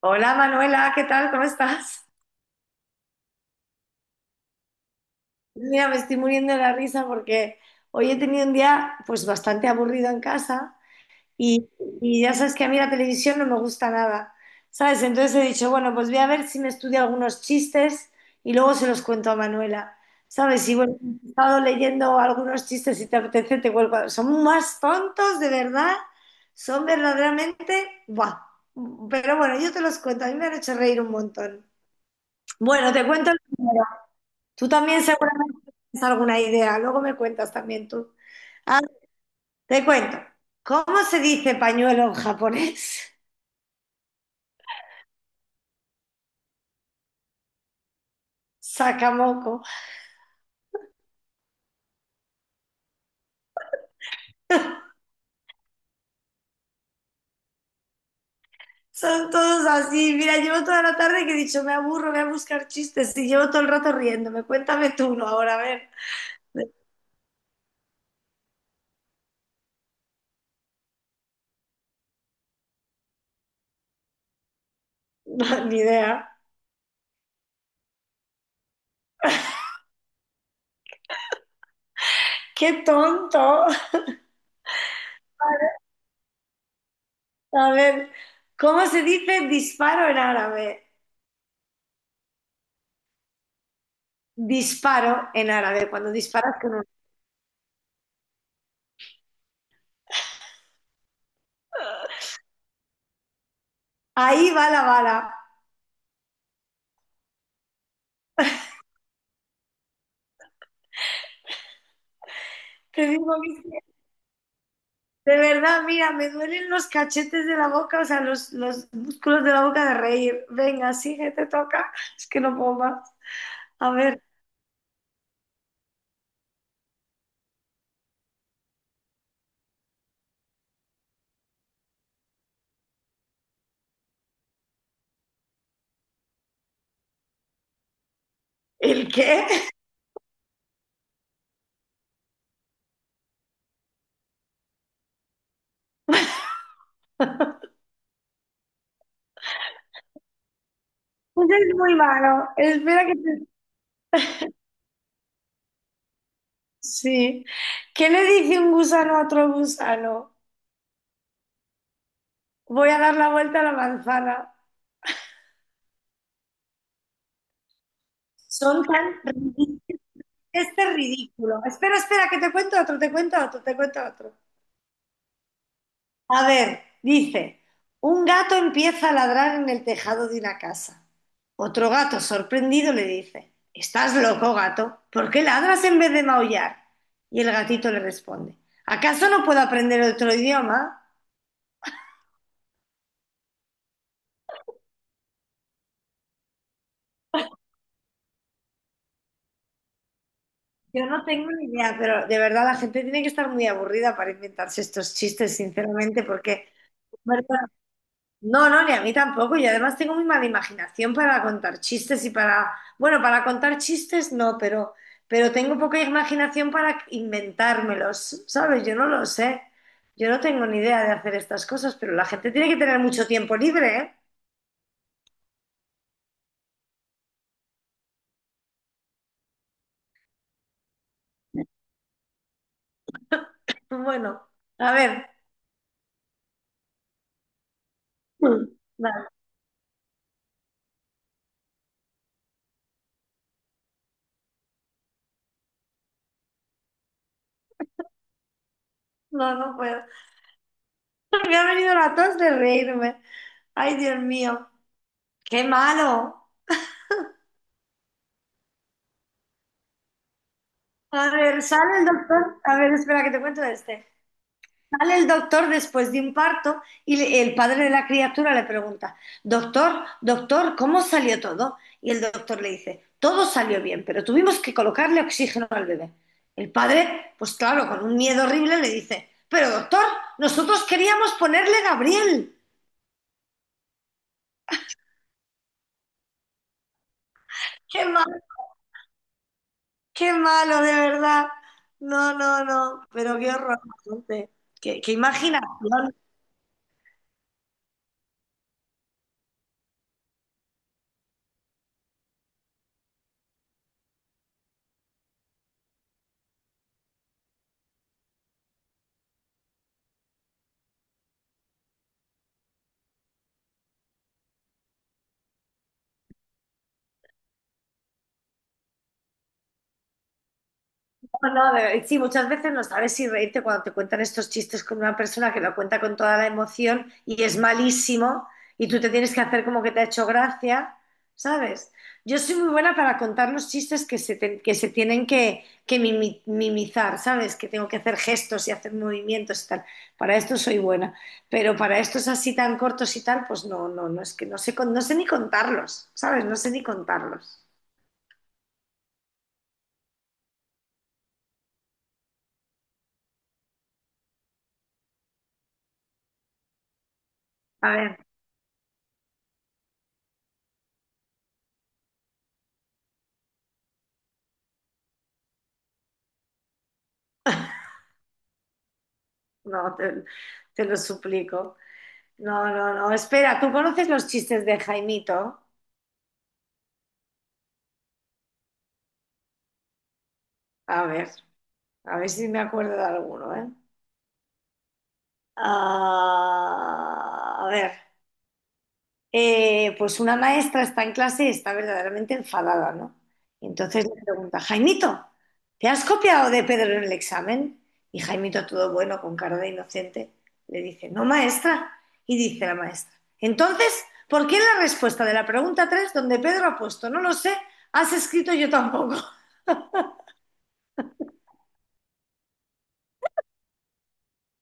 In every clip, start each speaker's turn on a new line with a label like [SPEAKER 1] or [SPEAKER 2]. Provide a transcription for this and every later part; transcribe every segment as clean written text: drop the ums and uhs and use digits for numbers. [SPEAKER 1] Hola Manuela, ¿qué tal? ¿Cómo estás? Mira, me estoy muriendo de la risa porque hoy he tenido un día pues bastante aburrido en casa y, y ya sabes que a mí la televisión no me gusta nada, ¿sabes? Entonces he dicho, bueno, pues voy a ver si me estudio algunos chistes y luego se los cuento a Manuela, ¿sabes? Y bueno, he estado leyendo algunos chistes, si te apetece te cuelgo. Son más tontos, de verdad, son verdaderamente, ¡buah! Pero bueno, yo te los cuento, a mí me han hecho reír un montón. Bueno, te cuento. Tú también seguramente tienes alguna idea, luego me cuentas también tú. Ah, te cuento. ¿Cómo se dice pañuelo en japonés? Sakamoko. Son todos así. Mira, llevo toda la tarde que he dicho, me aburro, voy a buscar chistes y llevo todo el rato riéndome. Cuéntame tú uno ahora, a ver. No, ni idea. ¡Qué tonto! A ver, ¿cómo se dice disparo en árabe? Disparo en árabe, cuando disparas con un... Ahí va la bala. Te digo, ¿viste? De verdad, mira, me duelen los cachetes de la boca, o sea, los músculos de la boca de reír. Venga, sigue, te toca. Es que no puedo más. A ver, ¿el qué? Pues es muy malo. Espera que te... Sí. ¿Qué le dice un gusano a otro gusano? Voy a dar la vuelta a la manzana. Son tan ridículos. Este es ridículo. Espera, espera, que te cuento otro, te cuento otro, te cuento otro. A ver, dice, un gato empieza a ladrar en el tejado de una casa. Otro gato, sorprendido, le dice, ¿estás loco, gato? ¿Por qué ladras en vez de maullar? Y el gatito le responde, ¿acaso no puedo aprender otro idioma? Yo no tengo ni idea, pero de verdad la gente tiene que estar muy aburrida para inventarse estos chistes, sinceramente, porque bueno. No, no, ni a mí tampoco. Y además tengo muy mala imaginación para contar chistes y para, bueno, para contar chistes no, pero tengo poca imaginación para inventármelos, ¿sabes? Yo no lo sé. Yo no tengo ni idea de hacer estas cosas, pero la gente tiene que tener mucho tiempo libre, ¿eh? Bueno, a ver. Mm. No, no, no puedo. Me ha venido la tos de reírme. Ay, Dios mío, qué malo. A ver, sale el doctor. A ver, espera que te cuento este. Sale el doctor después de un parto y el padre de la criatura le pregunta, doctor, doctor, ¿cómo salió todo? Y el doctor le dice, todo salió bien, pero tuvimos que colocarle oxígeno al bebé. El padre, pues claro, con un miedo horrible le dice, pero doctor, nosotros queríamos ponerle Gabriel. Qué malo, qué malo, de verdad. No, no, no, pero qué horror. Monse. Qué imaginación. No, no, sí, muchas veces no sabes si reírte cuando te cuentan estos chistes con una persona que lo cuenta con toda la emoción y es malísimo y tú te tienes que hacer como que te ha hecho gracia, ¿sabes? Yo soy muy buena para contar los chistes que se tienen que, mimizar, ¿sabes? Que tengo que hacer gestos y hacer movimientos y tal. Para esto soy buena, pero para estos así tan cortos y tal, pues no, no, no, es que no sé, no sé ni contarlos, ¿sabes? No sé ni contarlos. A ver, no, te lo suplico. No, no, no. Espera, ¿tú conoces los chistes de Jaimito? A ver, a ver si me acuerdo de alguno, ¿eh? Ah, a ver, pues una maestra está en clase y está verdaderamente enfadada, ¿no? Y entonces le pregunta, Jaimito, ¿te has copiado de Pedro en el examen? Y Jaimito, todo bueno, con cara de inocente, le dice, no, maestra. Y dice la maestra, entonces, ¿por qué en la respuesta de la pregunta 3 donde Pedro ha puesto, no lo sé, has escrito yo tampoco?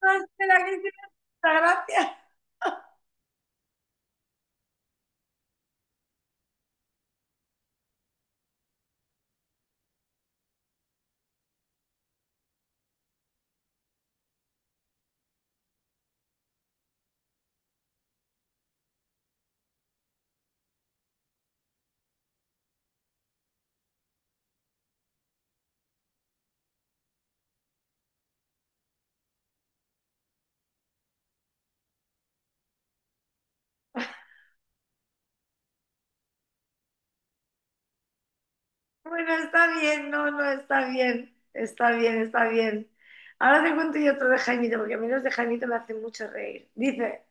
[SPEAKER 1] Espera, que tiene mucha gracia. Bueno, está bien, no, no, está bien, está bien, está bien. Ahora te cuento yo otro de Jaimito, porque a mí los de Jaimito me hacen mucho reír. Dice,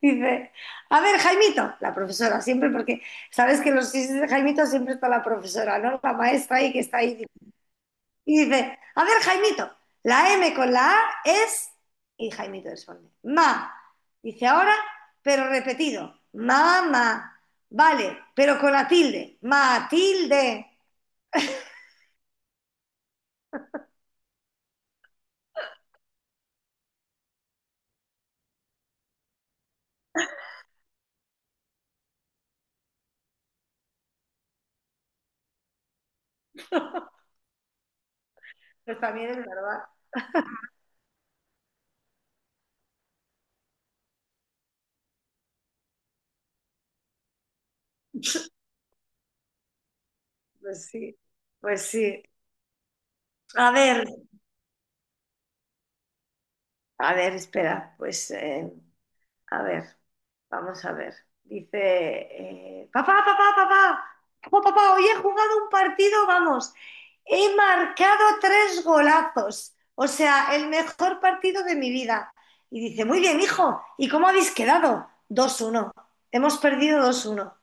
[SPEAKER 1] dice, a ver, Jaimito, la profesora, siempre, porque sabes que en los chistes de Jaimito siempre está la profesora, ¿no? La maestra ahí que está ahí. Y dice, a ver, Jaimito, la M con la A es, y Jaimito responde, ma. Dice ahora, pero repetido, mamá. Vale, pero con la tilde, Matilde. Pues también es verdad, pues sí, pues sí. A ver, a ver, espera, pues... a ver, vamos a ver. Dice, papá, papá, papá, papá, papá, hoy he jugado un partido, vamos, he marcado tres golazos, o sea, el mejor partido de mi vida. Y dice, muy bien, hijo, ¿y cómo habéis quedado? 2-1. Hemos perdido 2-1.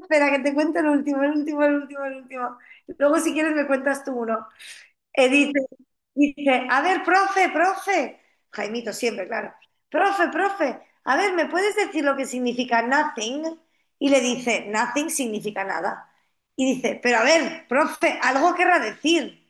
[SPEAKER 1] Espera, que te cuente el último, el último, el último, el último. Luego, si quieres, me cuentas tú uno. Dice, a ver, profe, profe, Jaimito siempre, claro, profe, profe, a ver, ¿me puedes decir lo que significa nothing? Y le dice, nothing significa nada. Y dice, pero a ver, profe, algo querrá decir.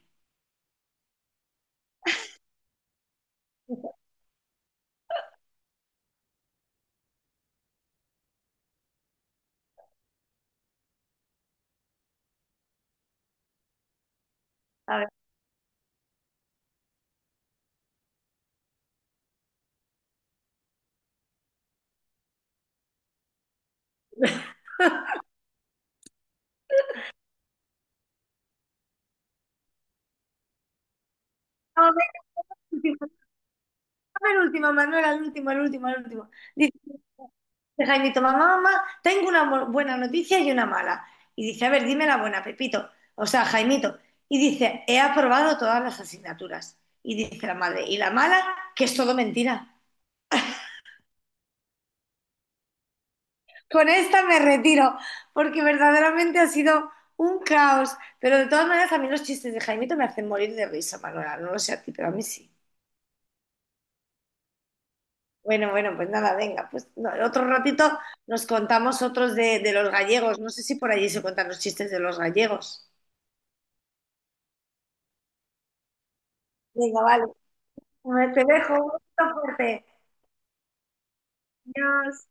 [SPEAKER 1] A ver, no, último, el último, Manuel, el último, el último, el último. Dice, de Jaimito, mamá, mamá, tengo una buena noticia y una mala. Y dice, a ver, dime la buena, Pepito, o sea, Jaimito. Y dice, he aprobado todas las asignaturas. Y dice la madre, y la mala, que es todo mentira. Con esta me retiro, porque verdaderamente ha sido un caos. Pero de todas maneras, a mí los chistes de Jaimito me hacen morir de risa, Manuela. No lo sé a ti, pero a mí sí. Bueno, bueno, pues nada, venga, pues no, otro ratito nos contamos otros de los gallegos. No sé si por allí se cuentan los chistes de los gallegos. Venga, vale. A Te dejo un beso fuerte. Adiós.